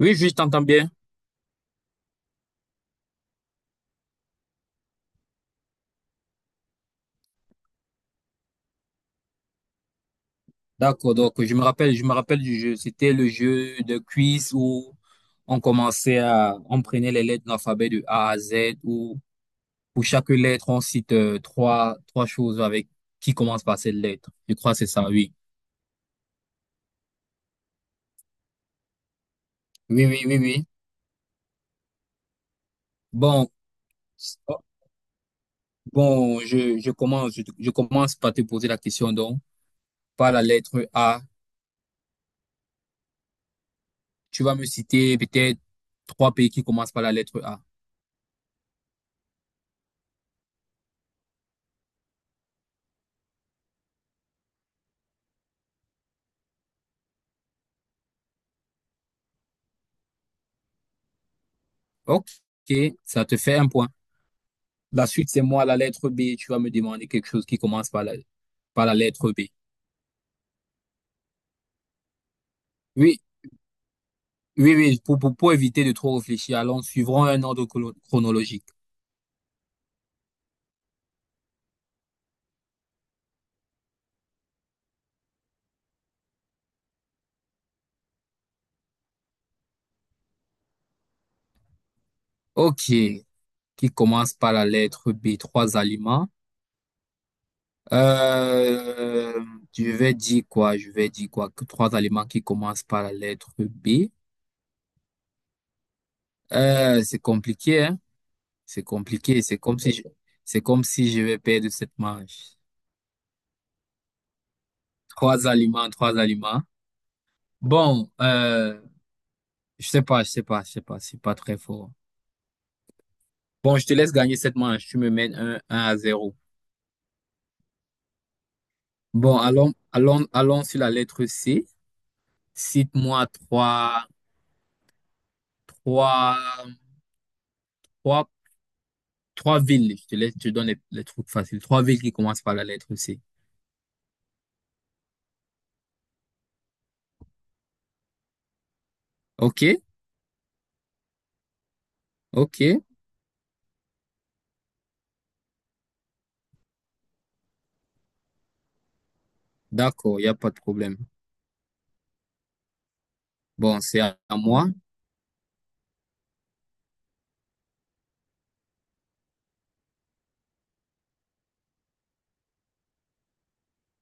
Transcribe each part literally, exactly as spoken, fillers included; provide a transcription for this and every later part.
Oui, oui, je t'entends bien. D'accord, donc je me rappelle, je me rappelle du jeu. C'était le jeu de quiz où on commençait à, on prenait les lettres de l'alphabet de A à Z, où pour chaque lettre, on cite euh, trois, trois choses avec qui commence par cette lettre. Je crois que c'est ça, oui. Oui, oui, oui, oui. Bon, oh, bon, je, je commence, je, je commence par te poser la question donc, par la lettre A. Tu vas me citer peut-être trois pays qui commencent par la lettre A. Ok, ça te fait un point. La suite, c'est moi, la lettre B. Tu vas me demander quelque chose qui commence par la, par la lettre B. Oui, oui, oui, pour, pour, pour éviter de trop réfléchir, allons, suivrons un ordre chrono- chronologique. Ok, qui commence par la lettre B, trois aliments. Euh, je vais dire quoi? Je vais dire quoi? Que trois aliments qui commencent par la lettre B. Euh, c'est compliqué, hein? C'est compliqué. C'est comme si je, c'est comme si je vais perdre cette manche. Trois aliments, trois aliments. Bon, euh, je sais pas, je sais pas, je sais pas. C'est pas très fort. Bon, je te laisse gagner cette manche. Tu me mènes un, un à zéro. Bon, allons, allons, allons sur la lettre C. Cite-moi trois, trois, trois Trois villes. Je te laisse, je te donne les, les trucs faciles. Trois villes qui commencent par la lettre C. OK? OK. D'accord, il n'y a pas de problème. Bon, c'est à à moi.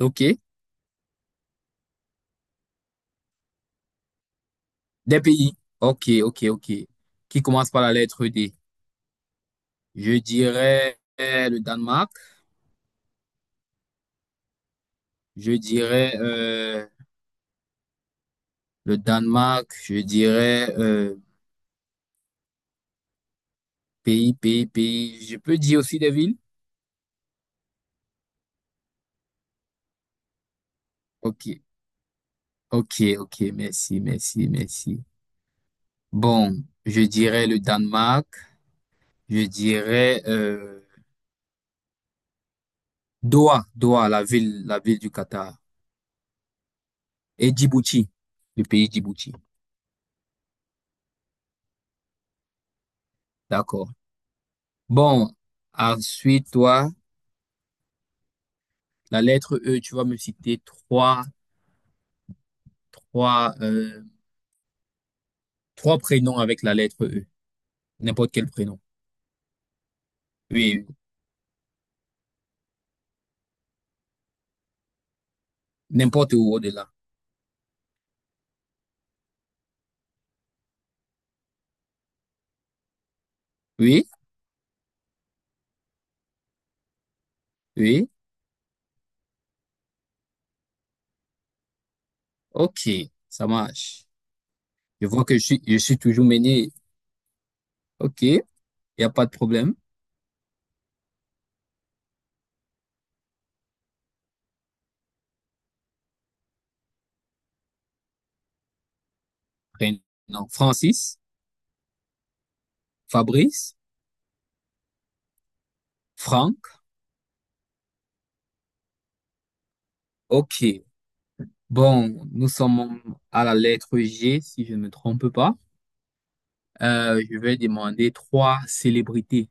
OK. Des pays. OK, OK, OK. Qui commencent par la lettre D. Je dirais euh, le Danemark. Je dirais euh, le Danemark. Je dirais euh, pays, pays, pays. Je peux dire aussi des villes? OK. OK, OK. Merci, merci, merci. Bon, je dirais le Danemark. Je dirais... euh, Doha, Doha, la ville, la ville du Qatar. Et Djibouti, le pays Djibouti. D'accord. Bon, ensuite, toi, la lettre E, tu vas me citer trois, trois, euh, trois prénoms avec la lettre E. N'importe quel prénom. Oui, oui. N'importe où au-delà. Oui, oui. OK, ça marche. Je vois que je suis, je suis toujours mené. OK, il n'y a pas de problème. Prénom. Francis, Fabrice, Franck. OK. Bon, nous sommes à la lettre G, si je ne me trompe pas. Euh, je vais demander trois célébrités,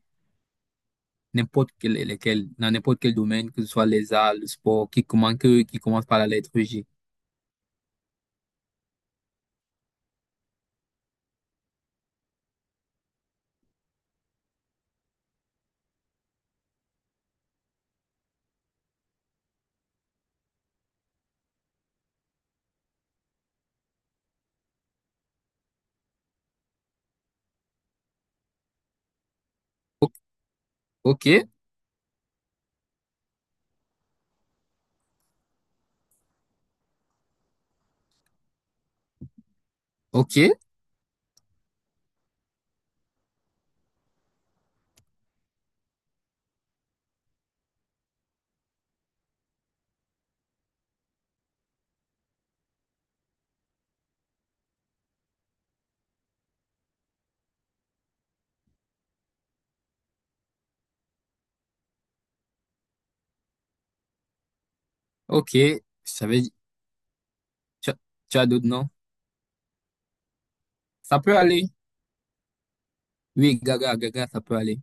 n'importe quelle, lesquelles, dans n'importe quel domaine, que ce soit les arts, le sport, qui commence, que- qui commence par la lettre G. O- Ok, ok, ok. Je savais, tu as tu as d'autres noms? Ça peut aller. Oui, Gaga, Gaga, ça peut aller.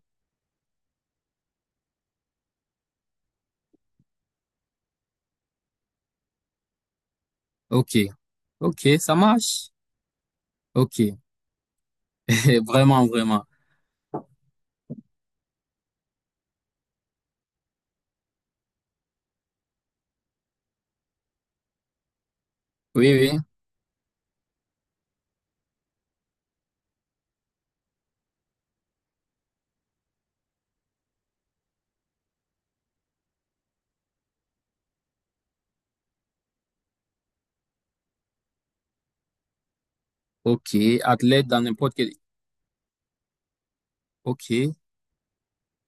Ok, ok, ça marche. Ok, vraiment, vraiment. Oui, oui. Ok, athlète dans n'importe quel. Ok,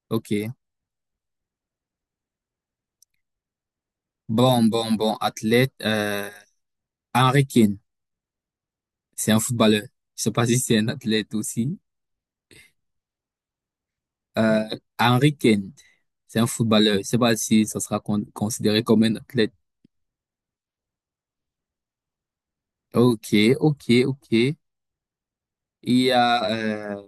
ok. Bon, bon, bon, athlète, euh, Henry Kane, c'est un footballeur. Je sais pas si c'est un athlète aussi. Euh, Henry Kane, c'est un footballeur. Je sais pas si ça sera con- considéré comme un athlète. Ok, ok, ok. Il y a, euh,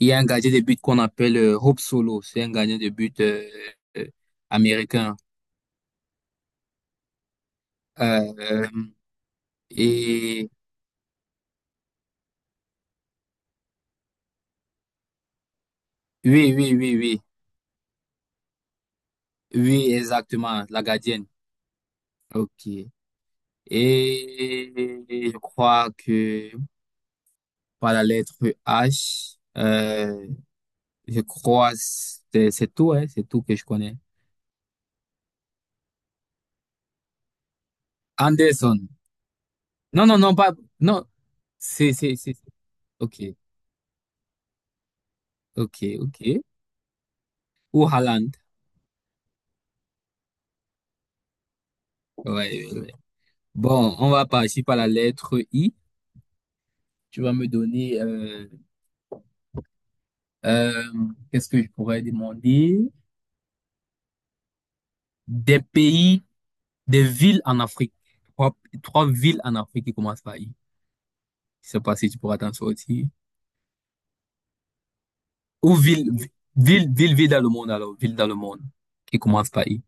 il y a un gardien de but qu'on appelle euh, Hope Solo. C'est un gardien de but euh, euh, américain. Euh, et oui, oui, oui, oui, oui, exactement, la gardienne. Ok. Et je crois que par la lettre H. Euh, je crois c'est c'est tout, hein, c'est tout que je connais. Anderson. Non, non, non, pas. Non, c'est, c'est, c'est. Ok, ok, ok. Ou Haaland. Ouais, ouais, ouais. Bon, on va partir par la lettre I. Tu vas me donner. Euh, euh, qu'est-ce que je pourrais demander? Des pays, des villes en Afrique. Trois, trois villes en Afrique qui commencent par I. Je sais pas si tu pourras t'en sortir. Ou ville, ville, ville, ville dans le monde, alors, ville dans le monde, qui commence par I.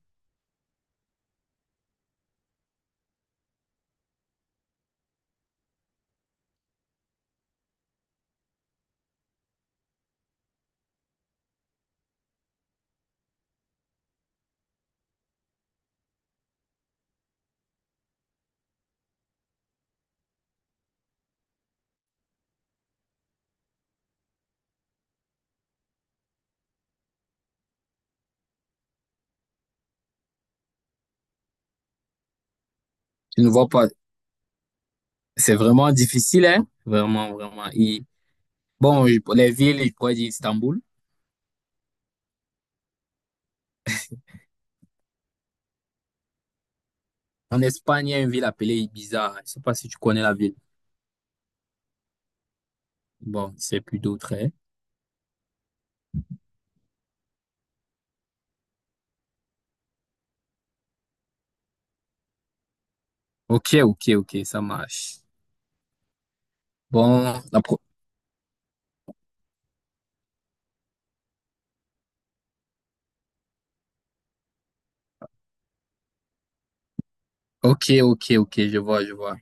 Je ne vois pas. C'est vraiment difficile, hein? Vraiment, vraiment. I. Bon, je- les villes, je pourrais dire Istanbul. En Espagne, il y a une ville appelée Ibiza. Je sais pas si tu connais la ville. Bon, c'est plus d'autres, hein. Ok, ok, ok, ça marche. Bon, la pro... Ok, ok, ok, je vois, je vois.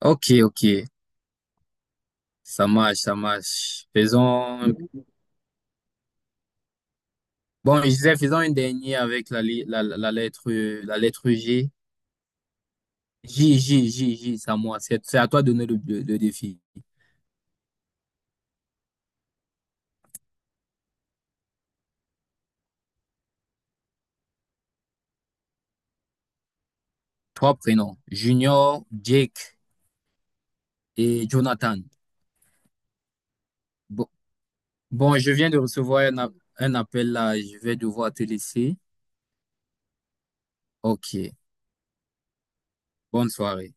Ok, ok, ça marche, ça marche. Faisons... Bon, je disais, faisons une dernière avec la, li- la, la la lettre, la lettre G. J, J, J, J, c'est à moi. C'est c'est à toi de donner le, le- le défi. Trois prénoms. Junior, Jake et Jonathan. Bon, bon, je viens de recevoir un, a- un appel là. Je vais devoir te laisser. Ok. Bonne soirée.